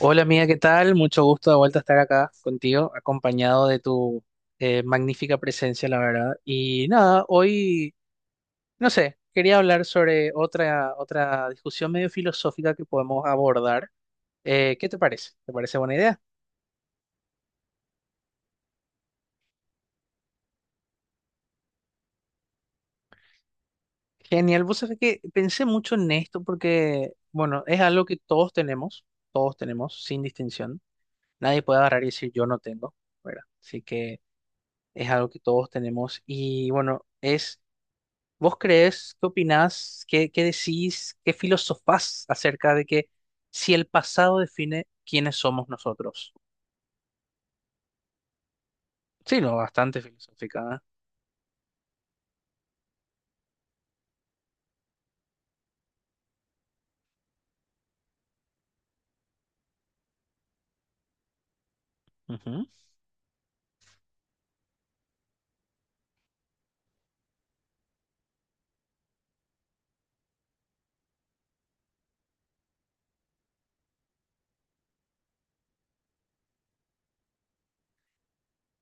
Hola amiga, ¿qué tal? Mucho gusto de vuelta estar acá contigo, acompañado de tu magnífica presencia, la verdad. Y nada, hoy, no sé, quería hablar sobre otra discusión medio filosófica que podemos abordar. ¿qué te parece? ¿Te parece buena idea? Genial, vos sabés que pensé mucho en esto porque, bueno, es algo que todos tenemos, sin distinción. Nadie puede agarrar y decir yo no tengo, ¿verdad? Así que es algo que todos tenemos y bueno, es... ¿Vos creés, qué opinás, qué decís, qué filosofás acerca de que si el pasado define quiénes somos nosotros? Sí, no, bastante filosófica, ¿eh? Ujú.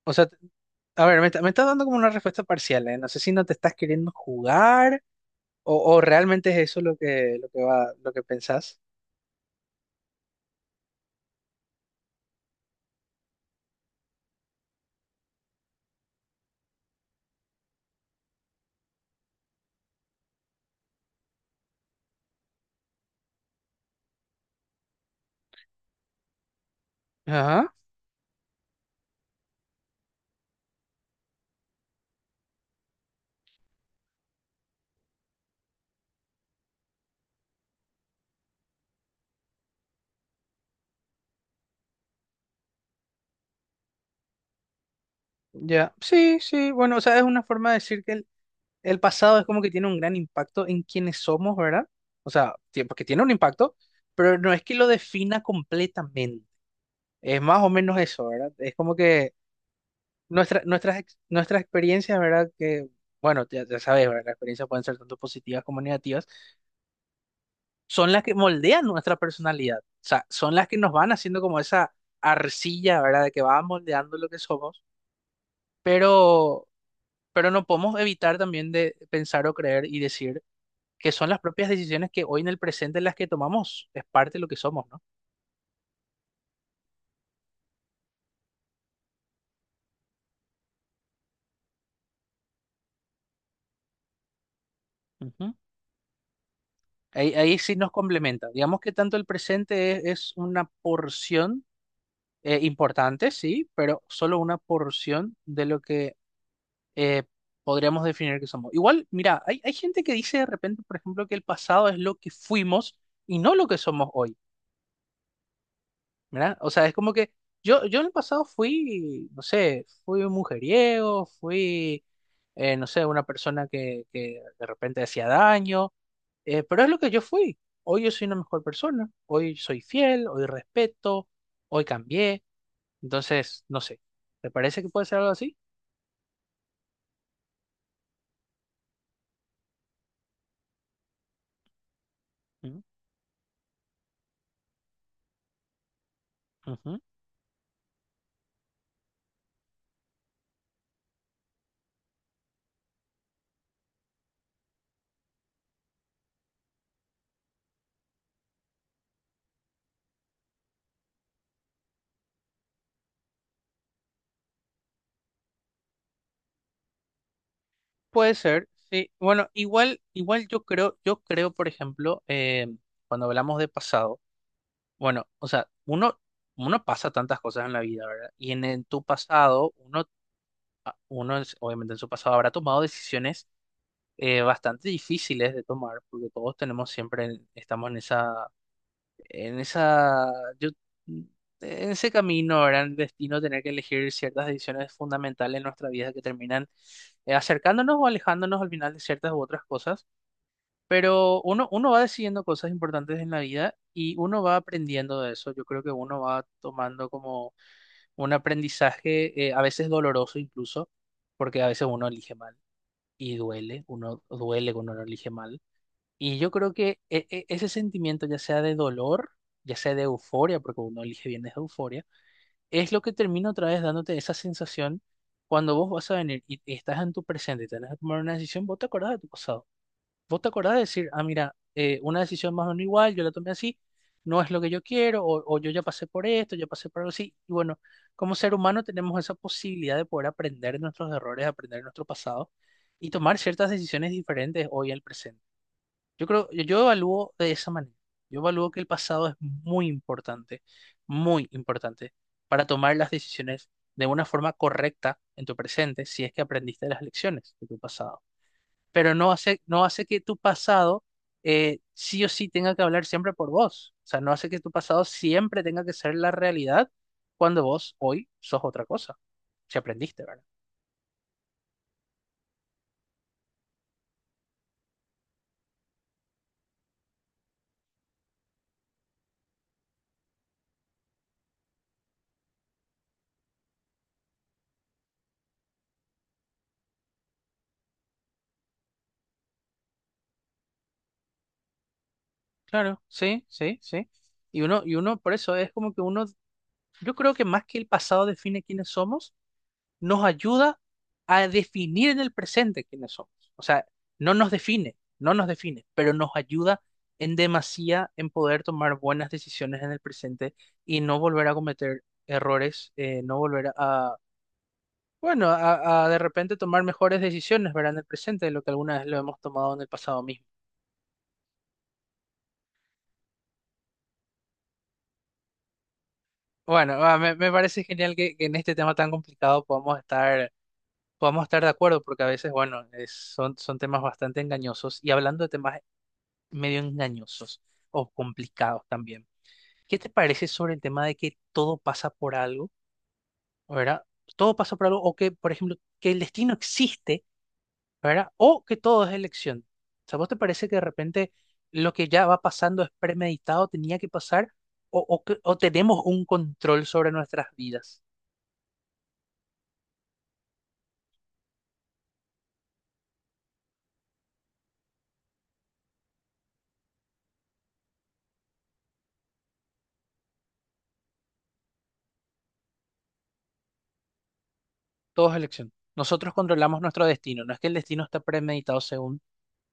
O sea, a ver, me estás dando como una respuesta parcial, ¿eh? No sé si no te estás queriendo jugar o realmente es eso lo que va, lo que pensás. Ajá, ya. Sí, sí, bueno, o sea, es una forma de decir que el pasado es como que tiene un gran impacto en quienes somos, ¿verdad? O sea, tiempo que tiene un impacto, pero no es que lo defina completamente. Es más o menos eso, ¿verdad? Es como que nuestras experiencias, ¿verdad? Que, bueno, ya sabes, ¿verdad? Las experiencias pueden ser tanto positivas como negativas, son las que moldean nuestra personalidad. O sea, son las que nos van haciendo como esa arcilla, ¿verdad? De que va moldeando lo que somos, pero, pero no podemos evitar también de pensar o creer y decir que son las propias decisiones que hoy en el presente las que tomamos, es parte de lo que somos, ¿no? Ujú. Ahí sí nos complementa. Digamos que tanto el presente es una porción importante, sí, pero solo una porción de lo que eh, podríamos definir que somos. Igual, mira, hay gente que dice de repente, por ejemplo, que el pasado es lo que fuimos y no lo que somos hoy. ¿Verdad? O sea, es como que yo en el pasado fui, no sé, fui un mujeriego, fui, no sé, una persona que de repente hacía daño, pero es lo que yo fui. Hoy yo soy una mejor persona, hoy soy fiel, hoy respeto, hoy cambié. Entonces, no sé, ¿te parece que puede ser algo así? Mm, ujú. Puede ser, sí. Bueno, igual, igual yo creo, por ejemplo, cuando hablamos de pasado, bueno, o sea, uno pasa tantas cosas en la vida, ¿verdad? Y en tu pasado, uno, obviamente en su pasado habrá tomado decisiones bastante difíciles de tomar, porque todos tenemos siempre, estamos en en esa, yo, mm, en ese camino, ¿verdad? El destino, tener que elegir ciertas decisiones fundamentales en nuestra vida que terminan acercándonos o alejándonos al final de ciertas u otras cosas. Pero uno va decidiendo cosas importantes en la vida y uno va aprendiendo de eso. Yo creo que uno va tomando como un aprendizaje, a veces doloroso incluso, porque a veces uno elige mal y duele, uno duele cuando uno elige mal. Y yo creo que ese sentimiento, ya sea de dolor, ya sea de euforia, porque uno elige bien desde euforia, es lo que termina otra vez dándote esa sensación cuando vos vas a venir y estás en tu presente y tenés que tomar una decisión, vos te acordás de tu pasado. ¿Vos te acordás de decir, ah, mira, una decisión más o menos igual, yo la tomé así, no es lo que yo quiero, o yo ya pasé por esto, ya pasé por algo así? Y bueno, como ser humano tenemos esa posibilidad de poder aprender de nuestros errores, aprender de nuestro pasado y tomar ciertas decisiones diferentes hoy al presente. Yo creo, yo evalúo de esa manera. Yo evalúo que el pasado es muy importante para tomar las decisiones de una forma correcta en tu presente si es que aprendiste las lecciones de tu pasado, pero no hace que tu pasado sí o sí tenga que hablar siempre por vos. O sea, no hace que tu pasado siempre tenga que ser la realidad cuando vos hoy sos otra cosa. Si aprendiste, ¿verdad? Claro, sí, sí, sí. Y uno, por eso es como que uno, yo creo que más que el pasado define quiénes somos, nos ayuda a definir en el presente quiénes somos. O sea, no nos define, pero nos ayuda en demasía en poder tomar buenas decisiones en el presente y no volver a cometer errores, no volver a, bueno, a de repente tomar mejores decisiones, ¿verdad? En el presente de lo que alguna vez lo hemos tomado en el pasado mismo. Bueno, ah, me parece genial que en este tema tan complicado podamos estar de acuerdo, porque a veces, bueno, son, son temas bastante engañosos. Y hablando de temas medio engañosos o complicados también. ¿Qué te parece sobre el tema de que todo pasa por algo, ¿verdad? Todo pasa por algo, o que, por ejemplo, que el destino existe, ¿verdad? O que todo es elección. O sea, ¿vos te parece que de repente lo que ya va pasando es premeditado, tenía que pasar, o tenemos un control sobre nuestras vidas? Todo es elección. Nosotros controlamos nuestro destino, no es que el destino está premeditado según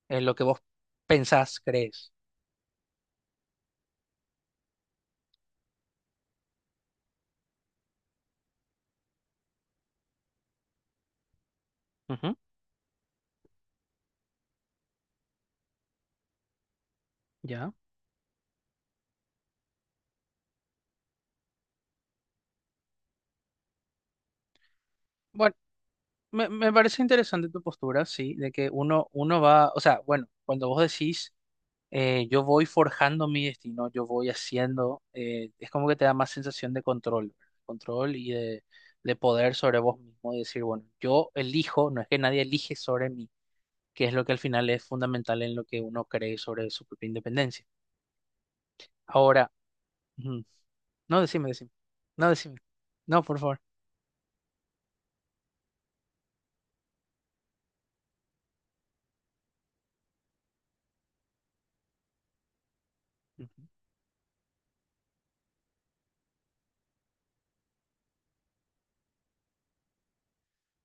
lo que vos pensás, crees. Ujú, ya. Bueno. Me parece interesante tu postura, sí, de que uno, uno va, o sea, bueno, cuando vos decís, yo voy forjando mi destino, yo voy haciendo, es como que te da más sensación de control, control y de poder sobre vos mismo, y decir, bueno, yo elijo, no es que nadie elige sobre mí, que es lo que al final es fundamental en lo que uno cree sobre su propia independencia. Ahora, ujú, no, decime, decime, no, por favor.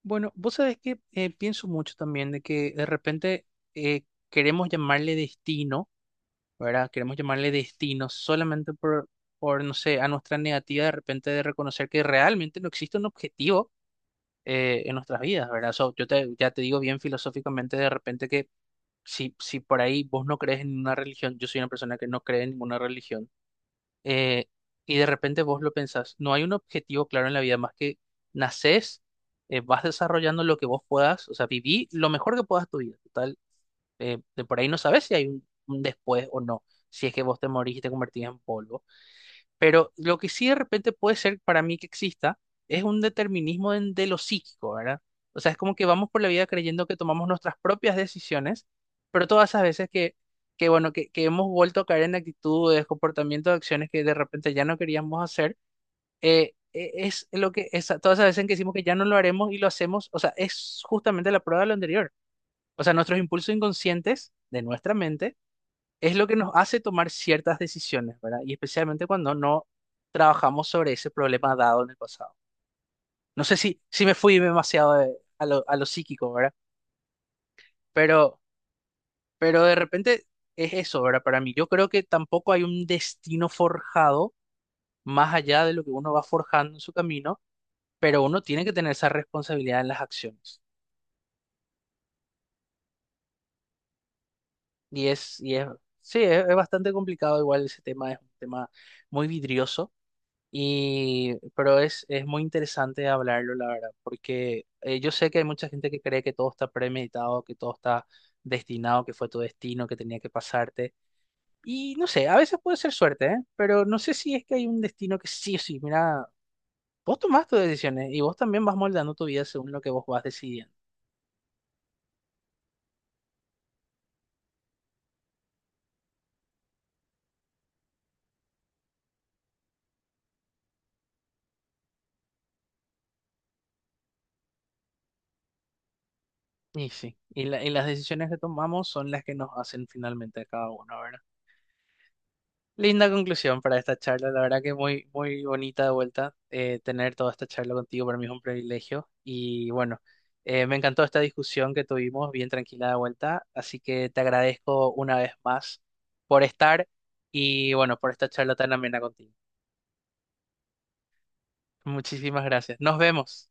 Bueno, vos sabés que pienso mucho también de que de repente eh, queremos llamarle destino, ¿verdad? Queremos llamarle destino solamente no sé, a nuestra negativa de repente de reconocer que realmente no existe un objetivo en nuestras vidas, ¿verdad? So, yo te, ya te digo bien filosóficamente de repente que si por ahí vos no crees en ninguna religión, yo soy una persona que no cree en ninguna religión, eh, y de repente vos lo pensás, no hay un objetivo claro en la vida más que nacés, vas desarrollando lo que vos puedas, o sea, viví lo mejor que puedas tu vida, total, de por ahí no sabes si hay un después o no, si es que vos te morís y te convertís en polvo, pero lo que sí de repente puede ser para mí que exista es un determinismo de lo psíquico, ¿verdad? O sea, es como que vamos por la vida creyendo que tomamos nuestras propias decisiones, pero todas esas veces que bueno, que hemos vuelto a caer en actitudes, comportamientos, acciones que de repente ya no queríamos hacer, es lo que, todas esas veces en que decimos que ya no lo haremos y lo hacemos, o sea, es justamente la prueba de lo anterior. O sea, nuestros impulsos inconscientes de nuestra mente es lo que nos hace tomar ciertas decisiones, ¿verdad? Y especialmente cuando no trabajamos sobre ese problema dado en el pasado. No sé si me fui demasiado a lo psíquico, ¿verdad? Pero, pero de repente es eso, ¿verdad? Para mí, yo creo que tampoco hay un destino forjado más allá de lo que uno va forjando en su camino, pero uno tiene que tener esa responsabilidad en las acciones. Y es, y es, sí, es bastante complicado, igual ese tema es un tema muy vidrioso. Y, pero es muy interesante hablarlo, la verdad, porque yo sé que hay mucha gente que cree que todo está premeditado, que todo está destinado, que fue tu destino, que tenía que pasarte. Y no sé, a veces puede ser suerte, ¿eh? Pero no sé si es que hay un destino que sí o sí, mira, vos tomás tus decisiones y vos también vas moldando tu vida según lo que vos vas decidiendo. Y sí, y las decisiones que tomamos son las que nos hacen finalmente a cada uno, ¿verdad? Linda conclusión para esta charla, la verdad que muy bonita de vuelta tener toda esta charla contigo, para mí es un privilegio y bueno, me encantó esta discusión que tuvimos bien tranquila de vuelta, así que te agradezco una vez más por estar y bueno, por esta charla tan amena contigo. Muchísimas gracias. Nos vemos.